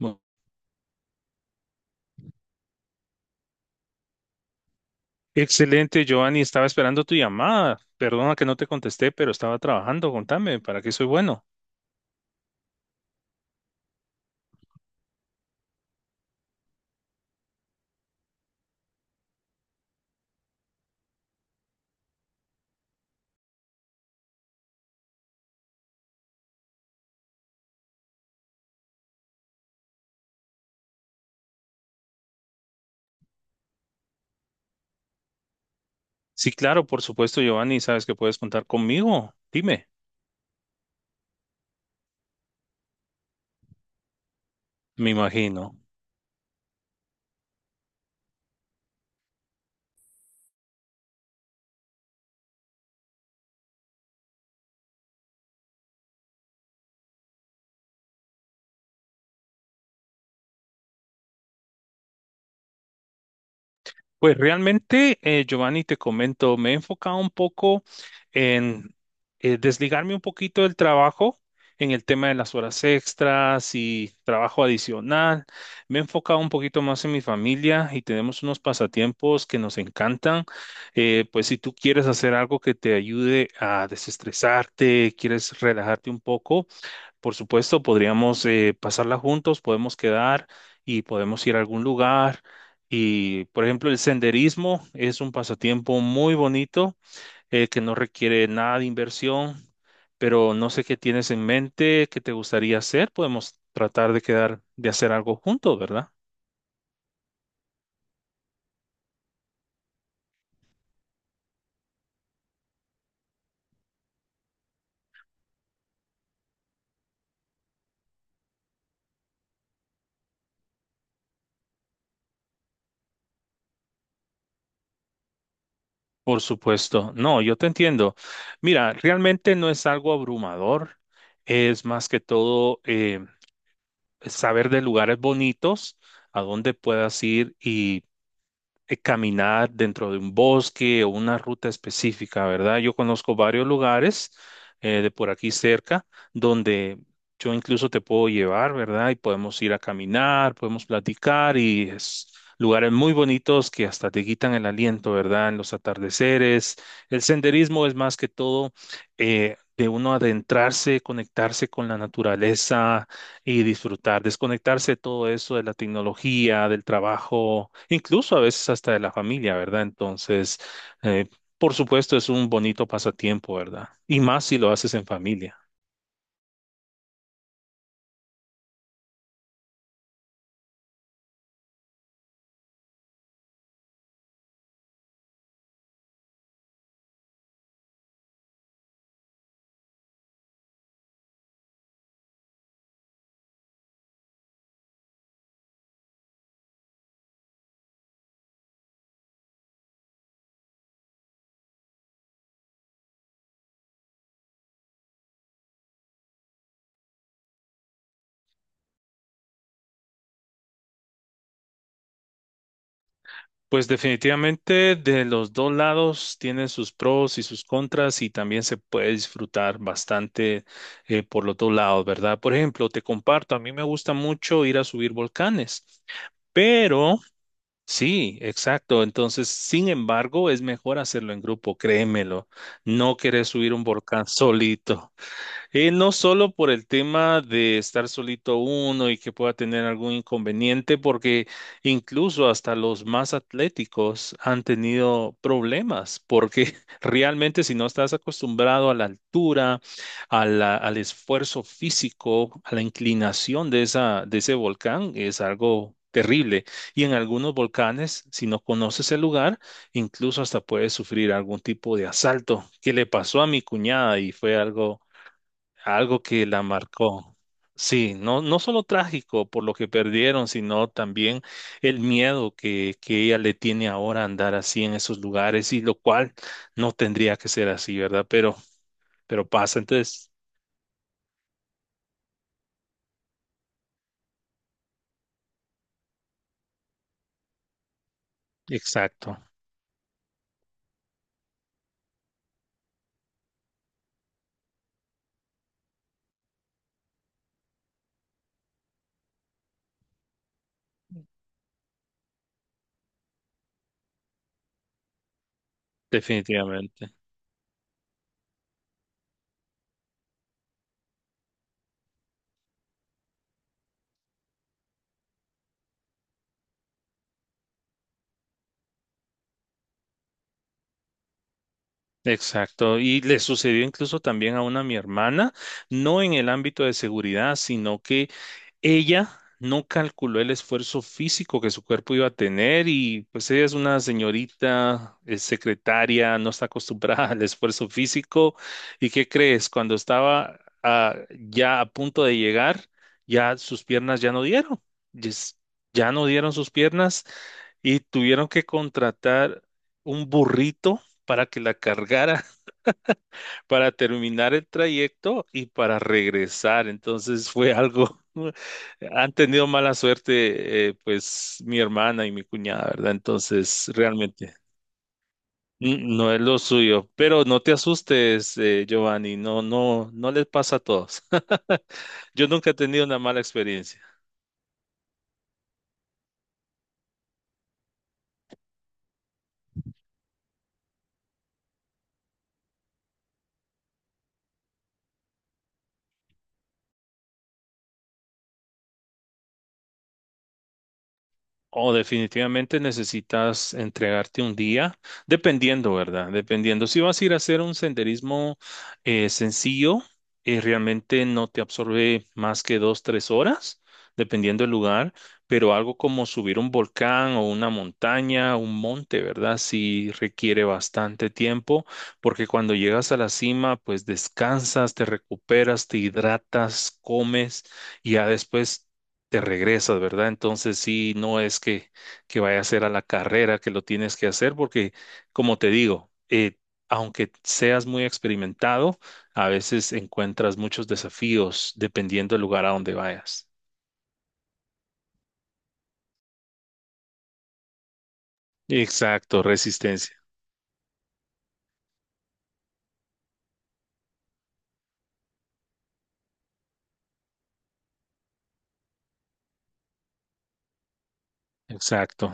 Mu- Excelente, Giovanni. Estaba esperando tu llamada. Perdona que no te contesté, pero estaba trabajando. Contame, ¿para qué soy bueno? Sí, claro, por supuesto, Giovanni. Sabes que puedes contar conmigo. Dime. Me imagino. Pues realmente, Giovanni, te comento, me he enfocado un poco en desligarme un poquito del trabajo en el tema de las horas extras y trabajo adicional. Me he enfocado un poquito más en mi familia y tenemos unos pasatiempos que nos encantan. Pues si tú quieres hacer algo que te ayude a desestresarte, quieres relajarte un poco, por supuesto, podríamos pasarla juntos, podemos quedar y podemos ir a algún lugar. Y, por ejemplo, el senderismo es un pasatiempo muy bonito que no requiere nada de inversión, pero no sé qué tienes en mente, qué te gustaría hacer. Podemos tratar de quedar, de hacer algo juntos, ¿verdad? Por supuesto. No, yo te entiendo. Mira, realmente no es algo abrumador. Es más que todo, saber de lugares bonitos a donde puedas ir y caminar dentro de un bosque o una ruta específica, ¿verdad? Yo conozco varios lugares de por aquí cerca donde yo incluso te puedo llevar, ¿verdad? Y podemos ir a caminar, podemos platicar y es lugares muy bonitos que hasta te quitan el aliento, ¿verdad? En los atardeceres. El senderismo es más que todo de uno adentrarse, conectarse con la naturaleza y disfrutar, desconectarse de todo eso de la tecnología, del trabajo, incluso a veces hasta de la familia, ¿verdad? Entonces, eh, por supuesto, es un bonito pasatiempo, ¿verdad? Y más si lo haces en familia. Pues definitivamente de los dos lados tienen sus pros y sus contras y también se puede disfrutar bastante por los dos lados, ¿verdad? Por ejemplo, te comparto, a mí me gusta mucho ir a subir volcanes. Pero Sí, exacto. Entonces, sin embargo, es mejor hacerlo en grupo, créemelo. No querés subir un volcán solito. No solo por el tema de estar solito uno y que pueda tener algún inconveniente, porque incluso hasta los más atléticos han tenido problemas, porque realmente si no estás acostumbrado a la altura, al esfuerzo físico, a la inclinación de ese volcán, es algo terrible. Y en algunos volcanes, si no conoces el lugar, incluso hasta puedes sufrir algún tipo de asalto, que le pasó a mi cuñada y fue algo que la marcó. Sí, no, no solo trágico por lo que perdieron, sino también el miedo que ella le tiene ahora a andar así en esos lugares, y lo cual no tendría que ser así, ¿verdad? Pero pasa, entonces, exacto, definitivamente. Exacto, y le sucedió incluso también a una mi hermana, no en el ámbito de seguridad, sino que ella no calculó el esfuerzo físico que su cuerpo iba a tener y pues ella es una señorita, es secretaria, no está acostumbrada al esfuerzo físico. ¿Y qué crees? Cuando estaba ya a punto de llegar, ya sus piernas ya no dieron, yes- ya no dieron sus piernas y tuvieron que contratar un burrito para que la cargara, para terminar el trayecto y para regresar. Entonces fue algo, han tenido mala suerte, pues mi hermana y mi cuñada, ¿verdad? Entonces realmente no es lo suyo, pero no te asustes, Giovanni, no, no, no les pasa a todos. Yo nunca he tenido una mala experiencia. O definitivamente necesitas entregarte un día, dependiendo, ¿verdad? Dependiendo. Si vas a ir a hacer un senderismo sencillo, realmente no te absorbe más que 2, 3 horas, dependiendo del lugar, pero algo como subir un volcán o una montaña, un monte, ¿verdad? Sí requiere bastante tiempo, porque cuando llegas a la cima, pues descansas, te recuperas, te hidratas, comes y ya después te regresas, ¿verdad? Entonces sí, no es que vaya a ser a la carrera que lo tienes que hacer, porque como te digo, aunque seas muy experimentado, a veces encuentras muchos desafíos dependiendo del lugar a donde vayas. Exacto, resistencia. Exacto,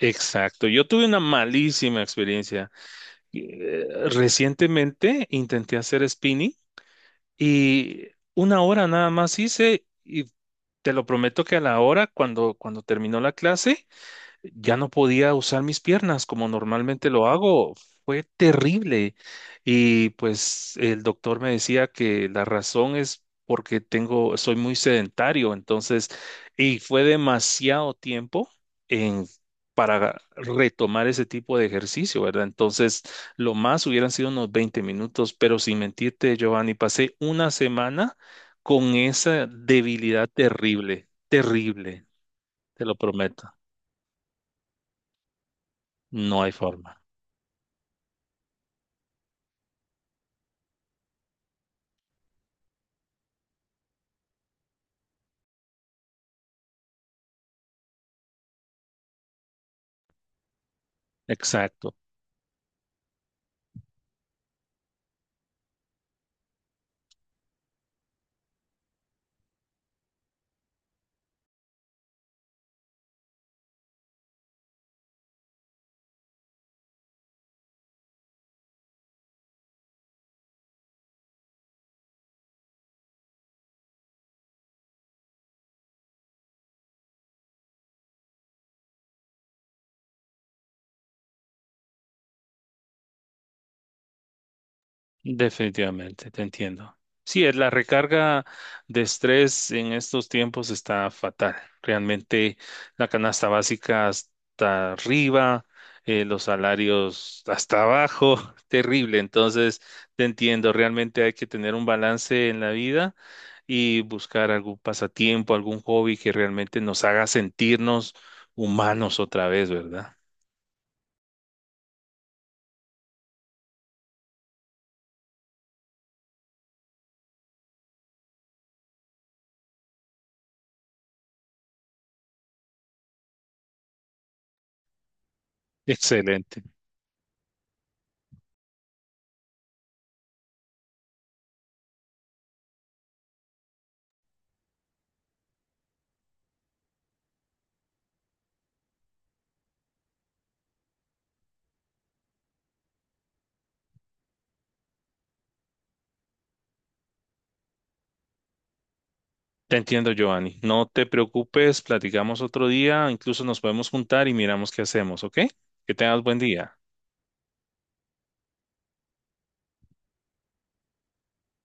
exacto. Yo tuve una malísima experiencia. Eh, Recientemente intenté hacer spinning y 1 hora nada más hice y te lo prometo que a la hora, cuando terminó la clase, ya no podía usar mis piernas como normalmente lo hago. Fue terrible. Y pues el doctor me decía que la razón es porque soy muy sedentario, entonces, y fue demasiado tiempo en para retomar ese tipo de ejercicio, ¿verdad? Entonces, lo más hubieran sido unos 20 minutos, pero sin mentirte, Giovanni, pasé una semana con esa debilidad terrible, terrible, te lo prometo, no hay forma. Exacto, definitivamente, te entiendo. Sí, es la recarga de estrés en estos tiempos está fatal. Realmente la canasta básica hasta arriba, los salarios hasta abajo, terrible. Entonces, te entiendo, realmente hay que tener un balance en la vida y buscar algún pasatiempo, algún hobby que realmente nos haga sentirnos humanos otra vez, ¿verdad? Excelente. Te entiendo, Giovanni. No te preocupes, platicamos otro día, incluso nos podemos juntar y miramos qué hacemos, ¿ok? Que tengas buen día.